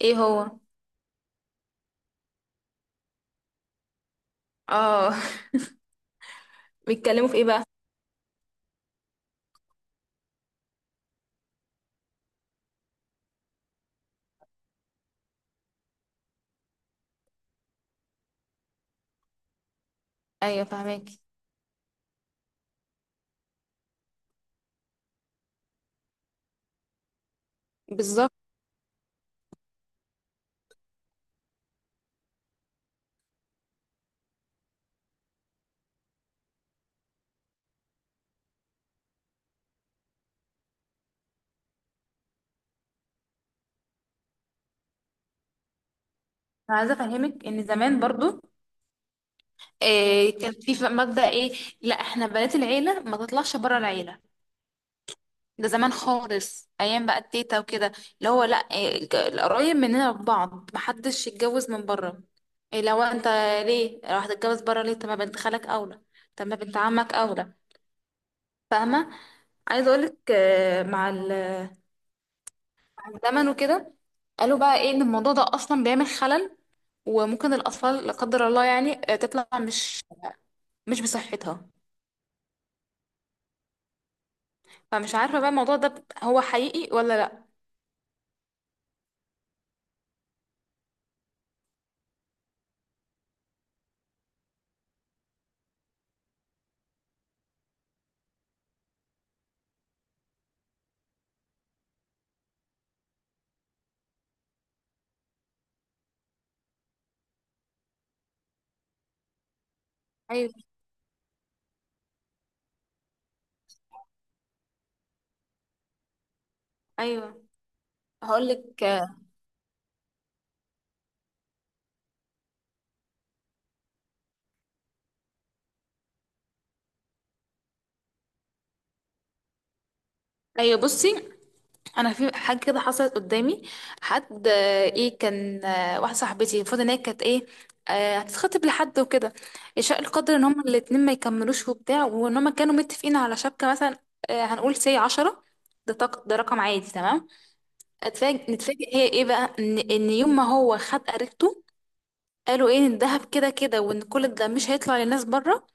ايه هو؟ اه. بيتكلموا في ايه بقى؟ ايوه فاهمك. بالظبط. انا عايزه افهمك ان زمان برضو إيه، كان في مبدأ ايه، لا احنا بنات العيله ما تطلعش بره العيله. ده زمان خالص، ايام بقى التيتا وكده، اللي هو لا إيه، القرايب مننا ببعض محدش يتجوز من بره. إيه لو انت، ليه لو هتتجوز بره؟ ليه؟ طب ما بنت خالك اولى، طب ما بنت عمك اولى، فاهمه. عايزه اقولك، مع الزمن وكده قالوا بقى ايه، ان الموضوع ده اصلا بيعمل خلل، وممكن الأطفال لا قدر الله يعني تطلع مش بصحتها. فمش عارفة بقى الموضوع ده هو حقيقي ولا لأ. أيوه، أيوه. هقولك، أيوه بصي، أنا في حاجة كده حصلت قدامي. حد إيه كان، واحدة صاحبتي المفروض إن هي كانت إيه، هتتخطب لحد وكده، شاء القدر إن هما الاتنين ما يكملوش وبتاع، وإن هما كانوا متفقين على شبكة مثلا، هنقول سي عشرة، ده رقم عادي تمام. اتفاجئ نتفاجئ هي ايه بقى، ان يوم ما هو خد قريبته، قالوا ايه، ان الذهب كده كده، وان كل ده مش هيطلع للناس بره.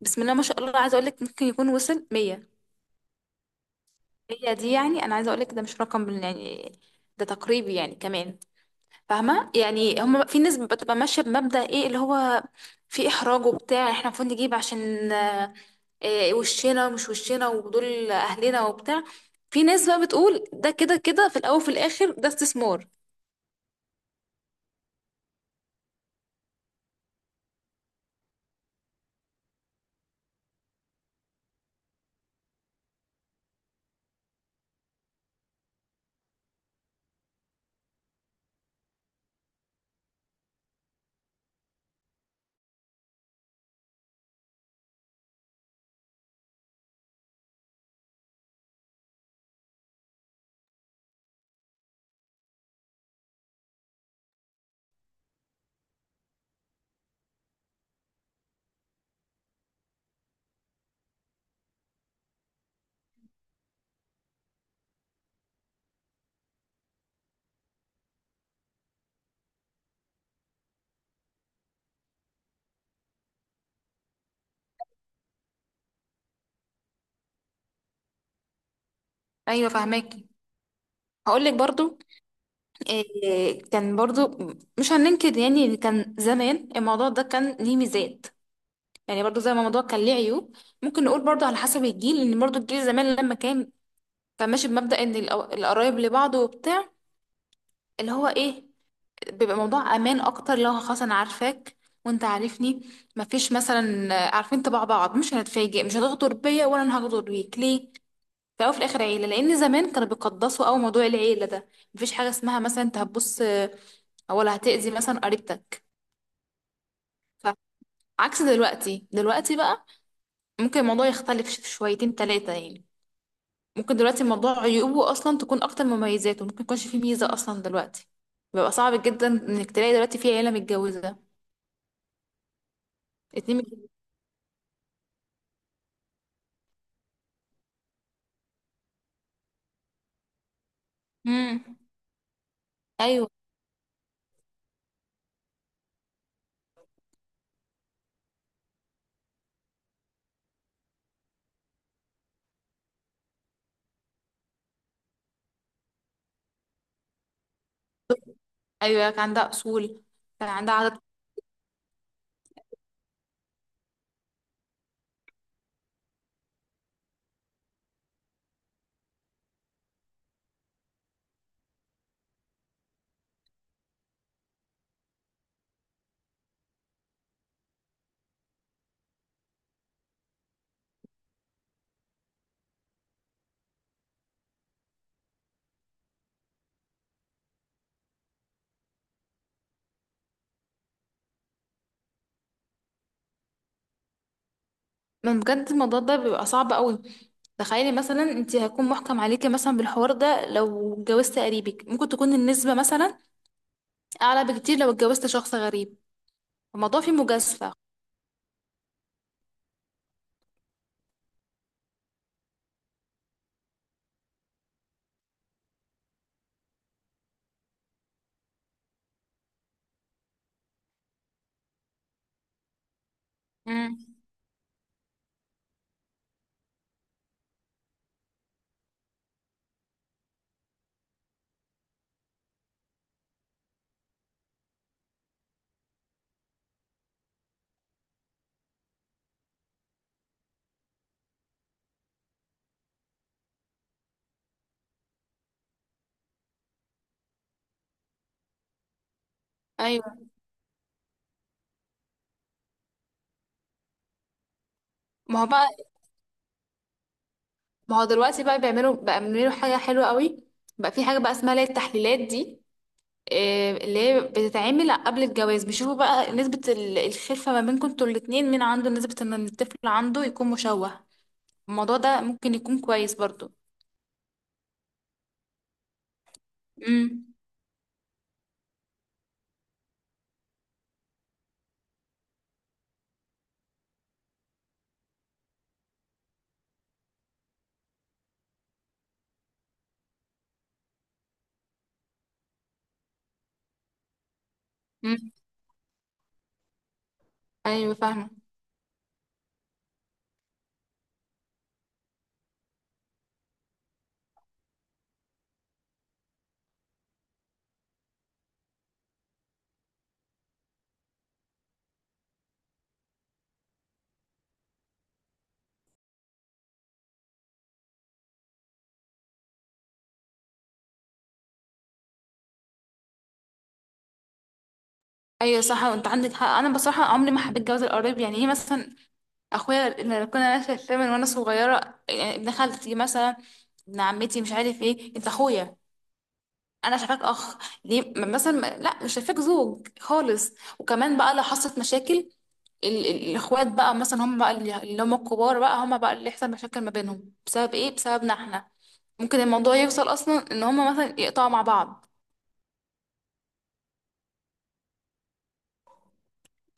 بسم الله ما شاء الله، عايزه اقول لك ممكن يكون وصل 100. هي دي، يعني انا عايزه اقول لك ده مش رقم يعني، ده تقريبي يعني، كمان فاهمه. يعني هم في ناس بتبقى ماشيه بمبدأ ايه، اللي هو في احراج وبتاع، احنا المفروض نجيب عشان إيه وشنا ومش وشنا ودول اهلنا وبتاع. في ناس بقى بتقول ده كده كده، في الاول وفي الاخر ده استثمار. ايوه فاهماكي. هقول لك برضو، إيه، كان برضو مش هننكر يعني إن كان زمان الموضوع ده كان ليه ميزات، يعني برضو زي ما الموضوع كان ليه عيوب. ممكن نقول برضو على حسب الجيل، ان برضو الجيل زمان لما كان كان ماشي بمبدأ ان القرايب لبعض وبتاع، اللي هو ايه، بيبقى موضوع امان اكتر. لو خلاص انا عارفاك وانت عارفني، مفيش مثلا عارفين طباع بعض، مش هنتفاجئ، مش هتغدر بيا ولا انا هغدر بيك ليه؟ في الاول وفي الاخر عيله، لان زمان كانوا بيقدسوا قوي موضوع العيله ده. مفيش حاجه اسمها مثلا انت هتبص ولا هتأذي مثلا قريبتك. فعكس دلوقتي بقى ممكن الموضوع يختلف شويتين تلاتة يعني. ممكن دلوقتي الموضوع عيوبه اصلا تكون اكتر من مميزاته، ممكن يكونش فيه ميزه اصلا دلوقتي. بيبقى صعب جدا انك تلاقي دلوقتي في عيله متجوزه اتنين متجوزين. امم. ايوه، ايوه كان عندها اصول، كان عندها عدد. من بجد الموضوع ده بيبقى صعب قوي. تخيلي مثلا انت هيكون محكم عليكي مثلا بالحوار ده، لو اتجوزت قريبك ممكن تكون النسبة مثلا اعلى بكتير لو اتجوزت شخص غريب. الموضوع فيه مجازفة. امم. ايوه. ما هو بقى، ما هو دلوقتي بقى بيعملوا حاجة حلوة قوي. بقى في حاجة بقى اسمها اللي هي التحليلات دي، اللي هي بتتعمل قبل الجواز، بيشوفوا بقى نسبة الخلفة ما بينكم انتوا الاتنين، مين عنده نسبة ان الطفل عنده يكون مشوه. الموضوع ده ممكن يكون كويس برضو. امم. ايوه فاهمه. ايوه صح، وانت عندك حق. انا بصراحه عمري ما حبيت جواز القريب، يعني ايه مثلا، اخويا اللي كنا شايفاه من وانا صغيره يعني، ابن خالتي مثلا، ابن عمتي، مش عارف ايه، انت اخويا، انا شايفاك اخ. ليه مثلا، لا مش شايفاك زوج خالص. وكمان بقى لو حصلت مشاكل، الاخوات بقى مثلا، هم بقى اللي هم الكبار، بقى هم بقى اللي يحصل مشاكل ما بينهم بسبب ايه؟ بسببنا احنا. ممكن الموضوع يوصل اصلا ان هم مثلا يقطعوا مع بعض.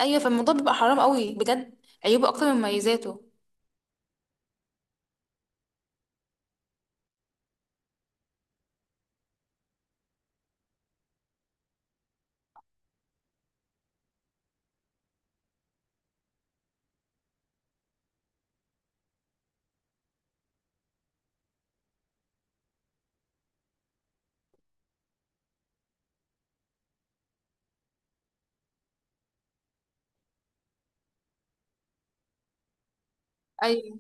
ايوه، فالموضوع بيبقى حرام قوي بجد، عيوبه اكتر من مميزاته. ايوه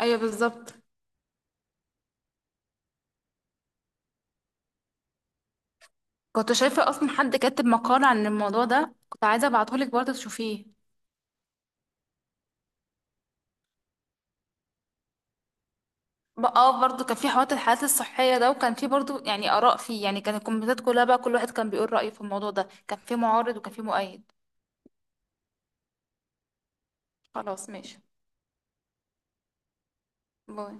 ايوه بالظبط. كنت شايفه اصلا حد كاتب مقال عن الموضوع ده، كنت عايزه ابعتهولك برضه تشوفيه. بقى اه، برضه كان في حوار الحالات الصحيه ده، وكان في برضه يعني اراء فيه يعني، كان الكومنتات كلها بقى كل واحد كان بيقول رايه في الموضوع ده، كان في معارض وكان في مؤيد. خلاص ماشي. باي.